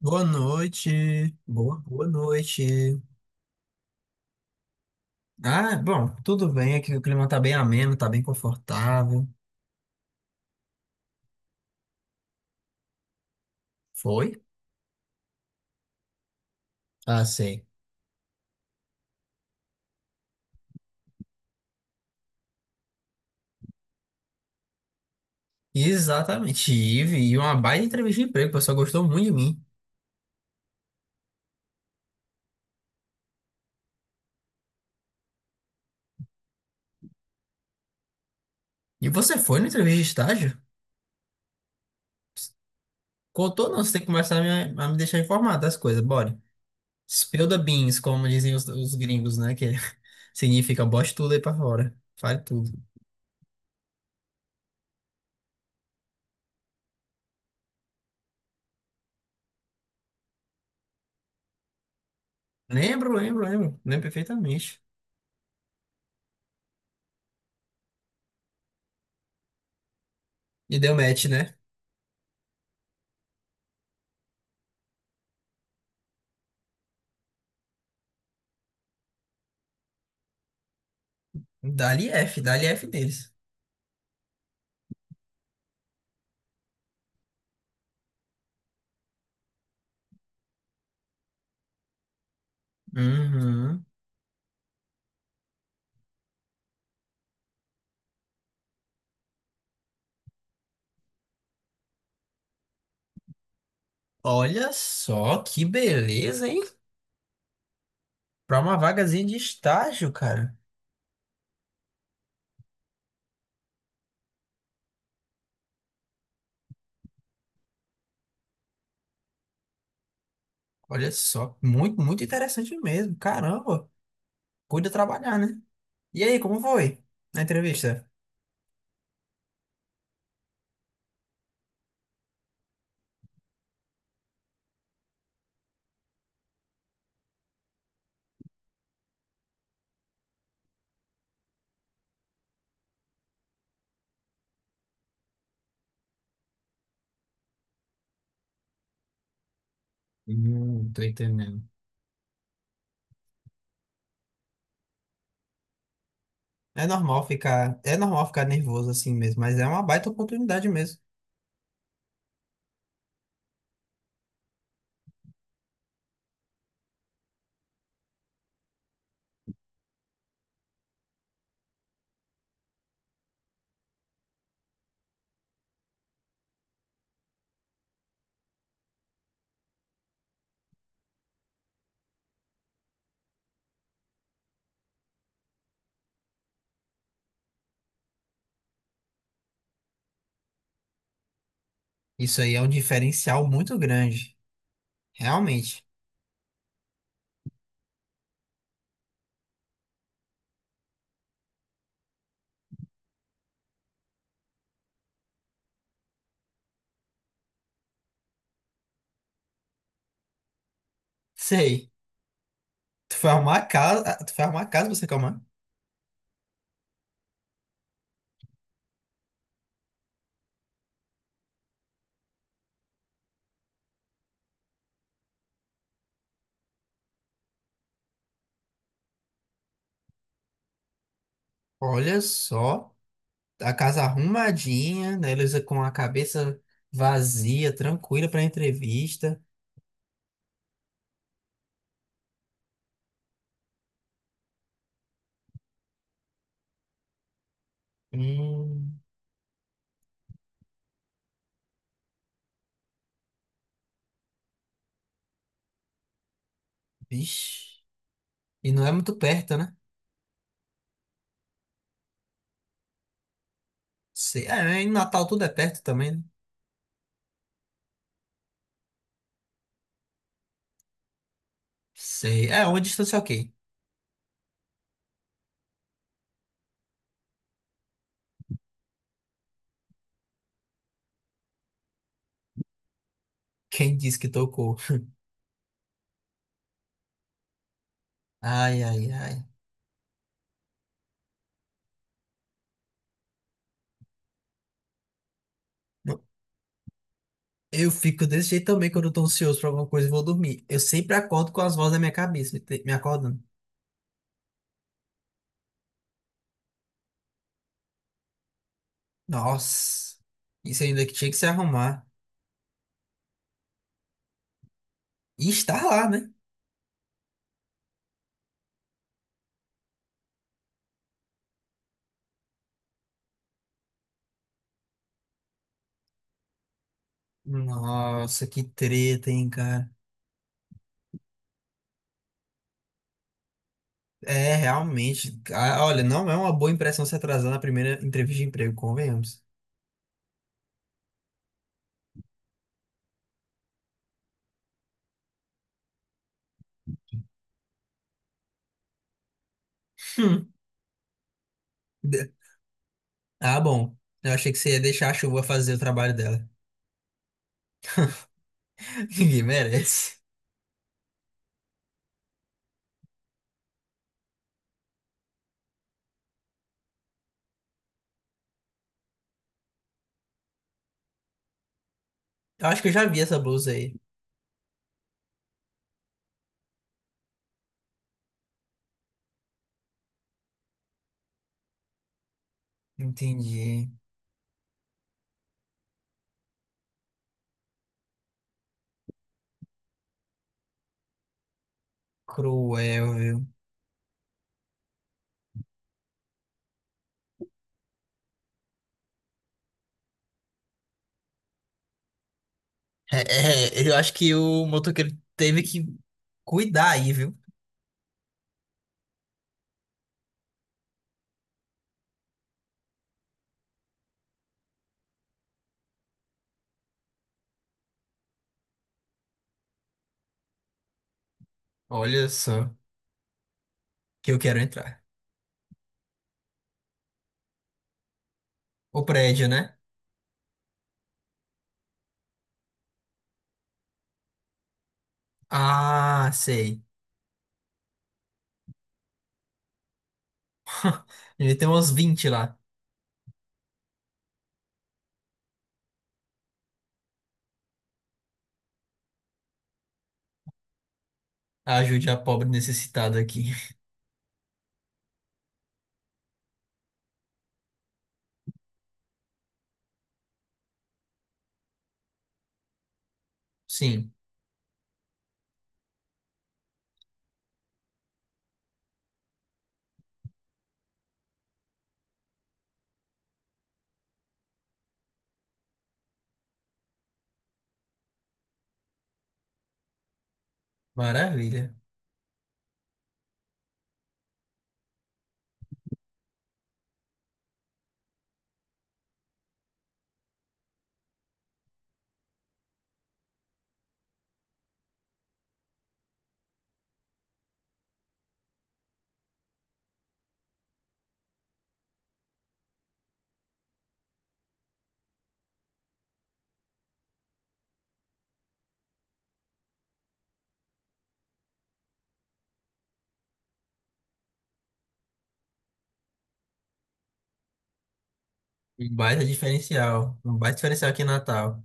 Boa noite, boa noite. Ah, bom, tudo bem, aqui o clima tá bem ameno, tá bem confortável. Foi? Ah, sei. Exatamente, Ive, e uma baita entrevista de emprego, o pessoal gostou muito de mim. E você foi na entrevista de estágio? Contou não, você tem que começar a me deixar informado das coisas, bora. Spill the beans, como dizem os gringos, né, que significa bote tudo aí pra fora, fale tudo. Lembro, perfeitamente. E deu match, né? Dali F deles. Uhum. Olha só que beleza, hein? Para uma vagazinha de estágio, cara. Olha só, muito interessante mesmo. Caramba, cuida trabalhar, né? E aí, como foi na entrevista? Tô entendendo. É normal ficar nervoso assim mesmo, mas é uma baita oportunidade mesmo. Isso aí é um diferencial muito grande, realmente. Sei. Tu foi arrumar a casa, ah, tu foi arrumar a casa pra você calmar. Olha só, a casa arrumadinha, né? Eles com a cabeça vazia, tranquila pra entrevista. Hum, vixe. E não é muito perto, né? Sei. É, né? Em Natal tudo é perto também, né? Sei. É, uma distância ok. Quem disse que tocou? Ai, ai, ai. Não, eu fico desse jeito também quando eu tô ansioso pra alguma coisa e vou dormir. Eu sempre acordo com as vozes na minha cabeça, me acordando. Nossa, isso ainda que tinha que se arrumar. E estar lá, né? Nossa, que treta, hein, cara. É, realmente. Ah, olha, não é uma boa impressão se atrasar na primeira entrevista de emprego, convenhamos. Hum. De- Ah, bom. Eu achei que você ia deixar a chuva fazer o trabalho dela. Ninguém merece. Eu acho que eu já vi essa blusa aí. Entendi. Cruel, viu? É, é, eu acho que o motoqueiro teve que cuidar aí, viu? Olha só, que eu quero entrar. O prédio, né? Ah, sei. Ele tem uns 20 lá. Ajude a pobre necessitada aqui. Sim. Maravilha. Um baita diferencial. Um baita diferencial aqui em Natal.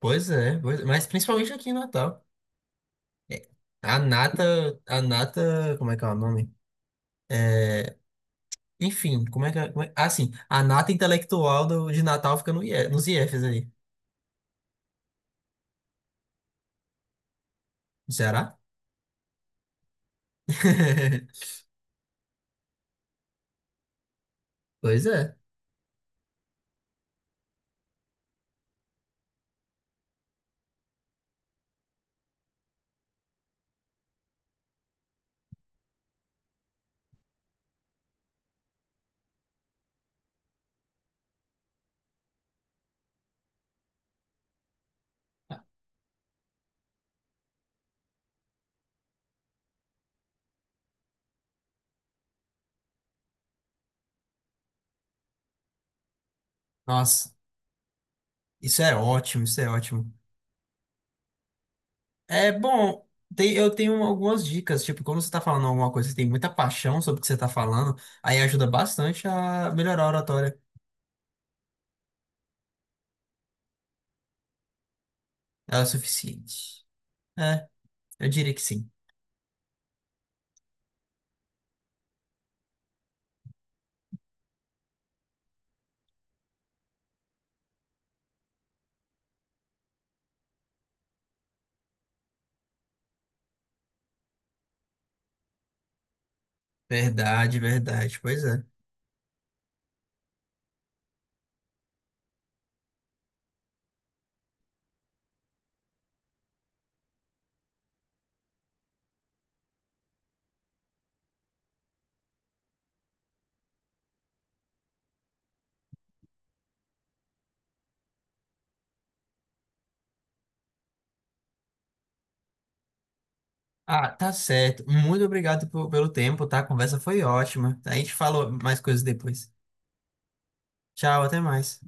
Pois é, mas principalmente aqui em Natal. É, a nata, a nata, como é que é o nome? É, enfim, como é que é? Ah, sim, a nata intelectual do, de Natal fica no IE, nos IEFs aí. Será? Pois é. Nossa, isso é ótimo. É bom, eu tenho algumas dicas, tipo, quando você tá falando alguma coisa, você tem muita paixão sobre o que você tá falando, aí ajuda bastante a melhorar a oratória. Ela é o suficiente. É, eu diria que sim. Verdade, verdade. Pois é. Ah, tá certo. Muito obrigado pelo tempo, tá? A conversa foi ótima. A gente falou mais coisas depois. Tchau, até mais.